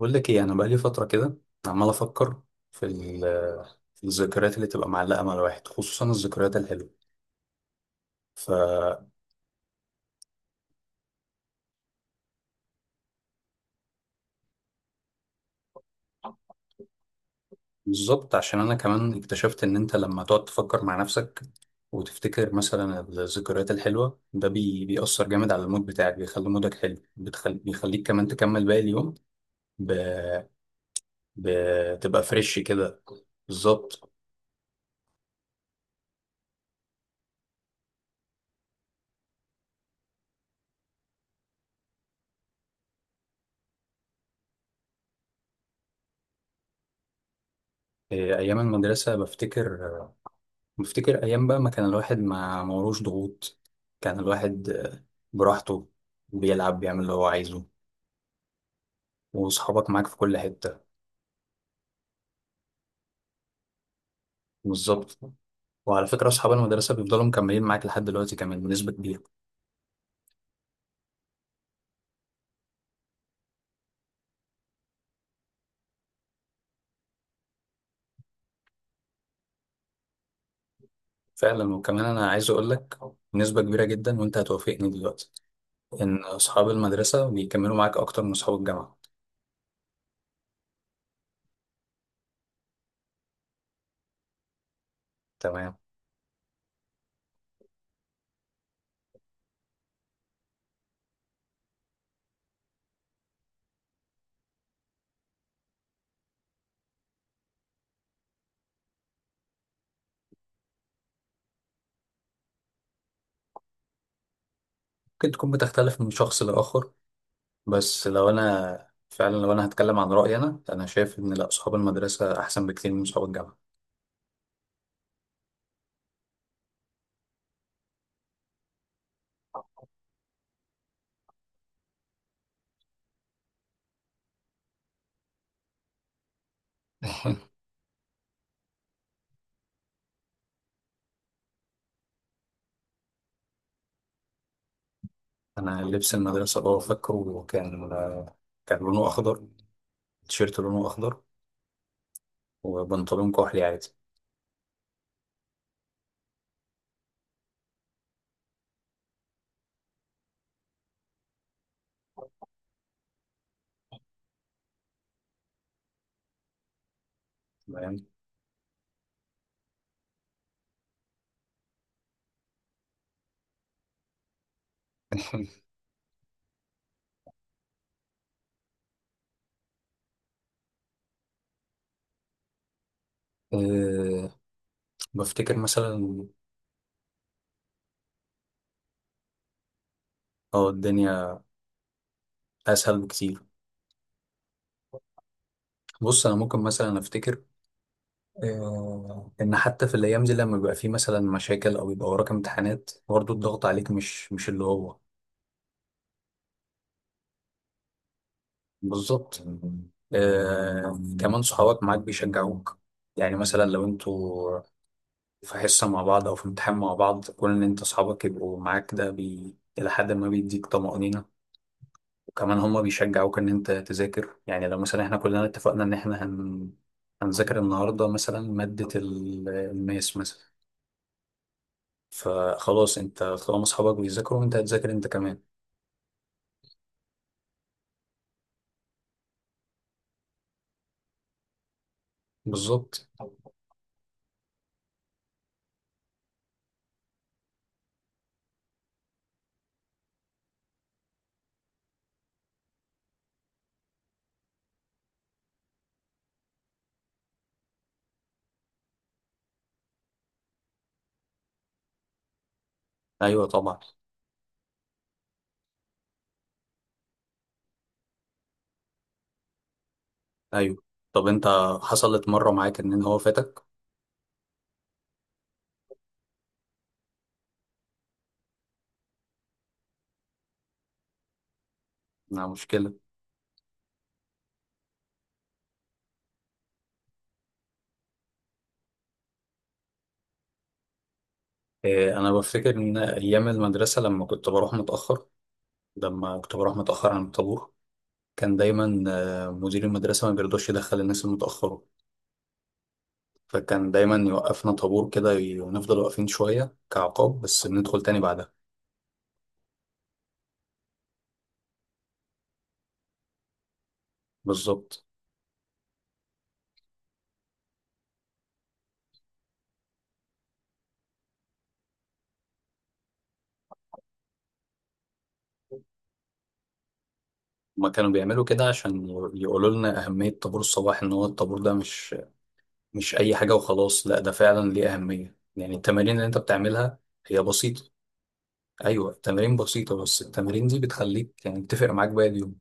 بقول لك ايه، انا بقالي فتره كده عمال افكر في ال- في الذكريات اللي تبقى معلقه مع الواحد، خصوصا الذكريات الحلوه. فبالظبط، عشان انا كمان اكتشفت ان انت لما تقعد تفكر مع نفسك وتفتكر مثلا الذكريات الحلوه، ده بيأثر جامد على المود بتاعك، بيخلي مودك حلو، بيخليك كمان تكمل باقي اليوم، ب... بتبقى فريش كده. بالظبط. إيه، ايام المدرسه بفتكر أيام بقى ما كان الواحد ما موروش ضغوط. كان الواحد براحته، بيلعب، بيعمل اللي هو عايزه، وأصحابك معاك في كل حتة. بالظبط. وعلى فكرة، أصحاب المدرسة بيفضلوا مكملين معاك لحد دلوقتي كمان بنسبة كبيرة. فعلا، وكمان أنا عايز أقول لك بنسبة كبيرة جدا، وأنت هتوافقني دلوقتي، إن أصحاب المدرسة بيكملوا معاك أكتر من أصحاب الجامعة. تمام. ممكن تكون بتختلف من شخص لآخر، بس لو أنا فعلا، لو أنا هتكلم عن رأيي، أنا شايف إن لأ، أصحاب المدرسة أحسن بكتير من أصحاب الجامعة. انا لبس المدرسه اه فاكره، كان لونه اخضر، تيشيرت لونه اخضر وبنطلون كحلي عادي. تمام. أه بفتكر مثلا. اه، الدنيا اسهل بكتير. بص، انا ممكن مثلا افتكر ان حتى في الايام دي لما بيبقى فيه مثلا مشاكل او يبقى وراك امتحانات، برضه الضغط عليك مش اللي هو. بالظبط. كمان صحابك معاك بيشجعوك، يعني مثلا لو انتوا في حصة مع بعض أو في امتحان مع بعض، كون إن أنت أصحابك يبقوا معاك، ده إلى حد ما بيديك طمأنينة، وكمان هما بيشجعوك إن أنت تذاكر. يعني لو مثلا إحنا كلنا اتفقنا إن إحنا هنذاكر النهاردة مثلا مادة الماس مثلا، فخلاص، أنت طالما أصحابك بيذاكروا أنت هتذاكر أنت كمان. بالظبط. أيوه طبعا. أيوه. طب أنت، حصلت مرة معاك إن هو فاتك؟ لا، مشكلة. إيه، أنا بفتكر إن أيام المدرسة لما كنت بروح متأخر، لما كنت بروح متأخر عن الطابور، كان دايما مدير المدرسة ما بيرضاش يدخل الناس المتأخرة. فكان دايما يوقفنا طابور كده ونفضل واقفين شوية كعقاب، بس بندخل تاني بعدها. بالظبط. هما كانوا بيعملوا كده عشان يقولوا لنا أهمية طابور الصباح، إن هو الطابور ده مش أي حاجة وخلاص. لا، ده فعلا ليه أهمية، يعني التمارين اللي أنت بتعملها هي بسيطة. أيوة، التمارين بسيطة بس التمارين دي بتخليك يعني بتفرق معاك باقي اليوم.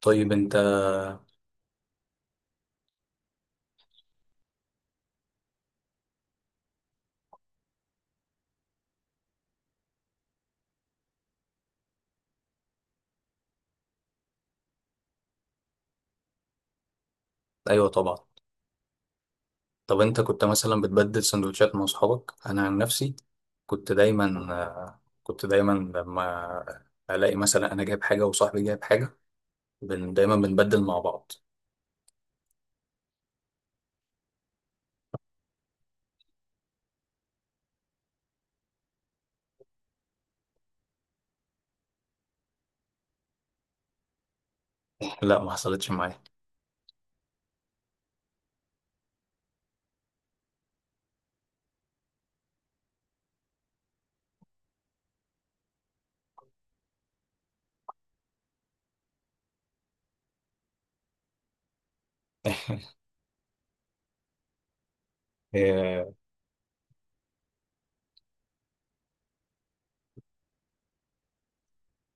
طيب أنت. أيوة طبعا. طب انت كنت مثلا بتبدل سندوتشات مع اصحابك؟ انا عن نفسي كنت دايما كنت دايما لما الاقي مثلا انا جايب حاجه وصاحبي جايب حاجه، دايما بنبدل مع بعض. لا، ما حصلتش معايا. آه،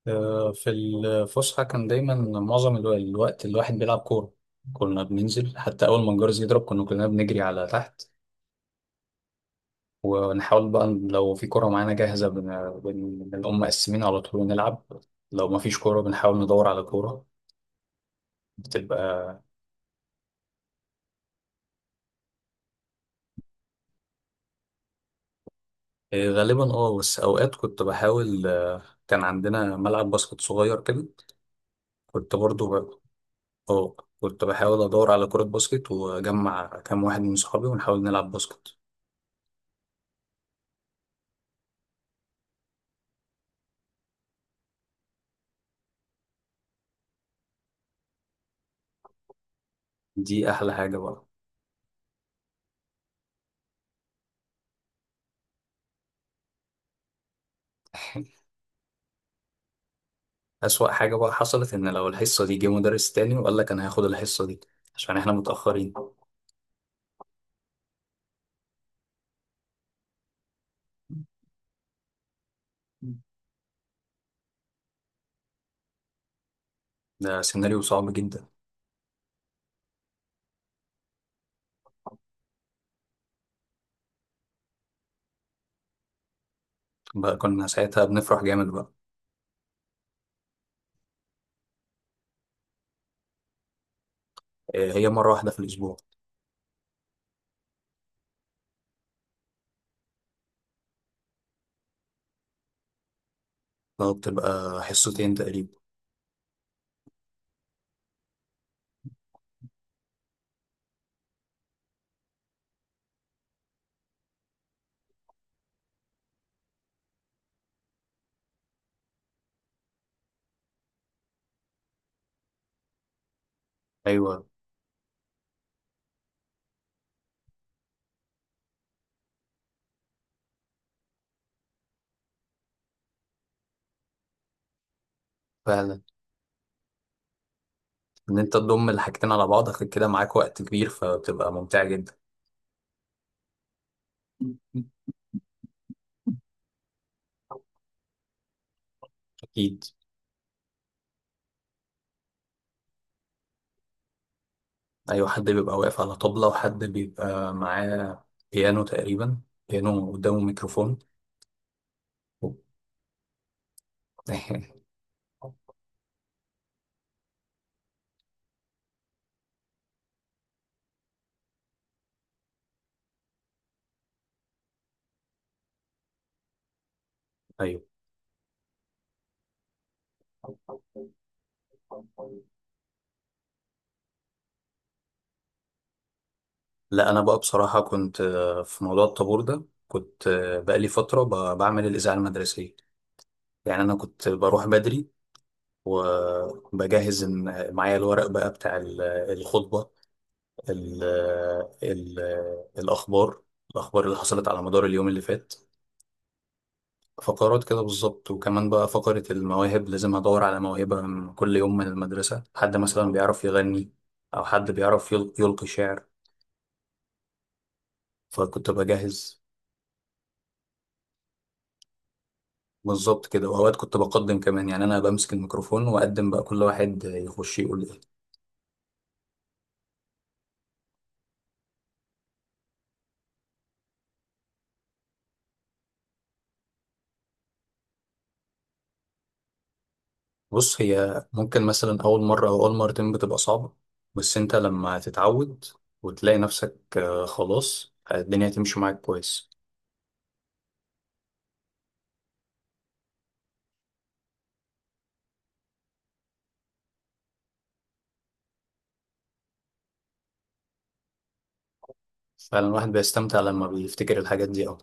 في الفسحه كان دايما معظم الوقت الواحد بيلعب كوره. كنا بننزل حتى اول ما الجرس يضرب كنا كلنا بنجري على تحت، ونحاول بقى لو في كوره معانا جاهزه بنقوم مقسمين على طول ونلعب، لو ما فيش كوره بنحاول ندور على كوره. بتبقى. إيه، غالبا اه، بس اوقات كنت بحاول كان عندنا ملعب باسكت صغير كده. كنت برضو اه كنت بحاول ادور على كرة باسكت واجمع كام واحد من صحابي ونحاول نلعب باسكت. دي احلى حاجة بقى. اسوأ حاجة بقى حصلت ان لو الحصة دي جه مدرس تاني وقال لك انا هاخد الحصة دي عشان احنا متأخرين. ده سيناريو صعب جدا. بقى كنا ساعتها بنفرح جامد بقى. إيه، هي مرة واحدة في الاسبوع. لو بتبقى حصتين تقريبا. ايوه. فعلا، ان انت تضم الحاجتين على بعض اخد كده معاك وقت كبير فبتبقى ممتعة جدا. اكيد. ايوه، حد بيبقى واقف على طبلة وحد بيبقى معاه بيانو تقريبا، بيانو قدامه ميكروفون. ايوه. لا، انا بقى بصراحة كنت في موضوع الطابور ده كنت بقالي فترة بعمل الإذاعة المدرسية. يعني انا كنت بروح بدري وبجهز معايا الورق بقى بتاع الخطبة، ال ال الأخبار الأخبار اللي حصلت على مدار اليوم اللي فات. فقرات كده بالظبط. وكمان بقى فقرة المواهب، لازم أدور على موهبة من كل يوم من المدرسة، حد مثلا بيعرف يغني أو حد بيعرف يلقي شعر. فكنت بجهز بالظبط كده، وأوقات كنت بقدم كمان، يعني أنا بمسك الميكروفون وأقدم بقى كل واحد يخش يقول إيه. بص، هي ممكن مثلا أول مرة أو أول مرتين بتبقى صعبة، بس أنت لما تتعود وتلاقي نفسك خلاص الدنيا تمشي معاك كويس. فعلا، الواحد بيستمتع لما بيفتكر الحاجات دي أوي.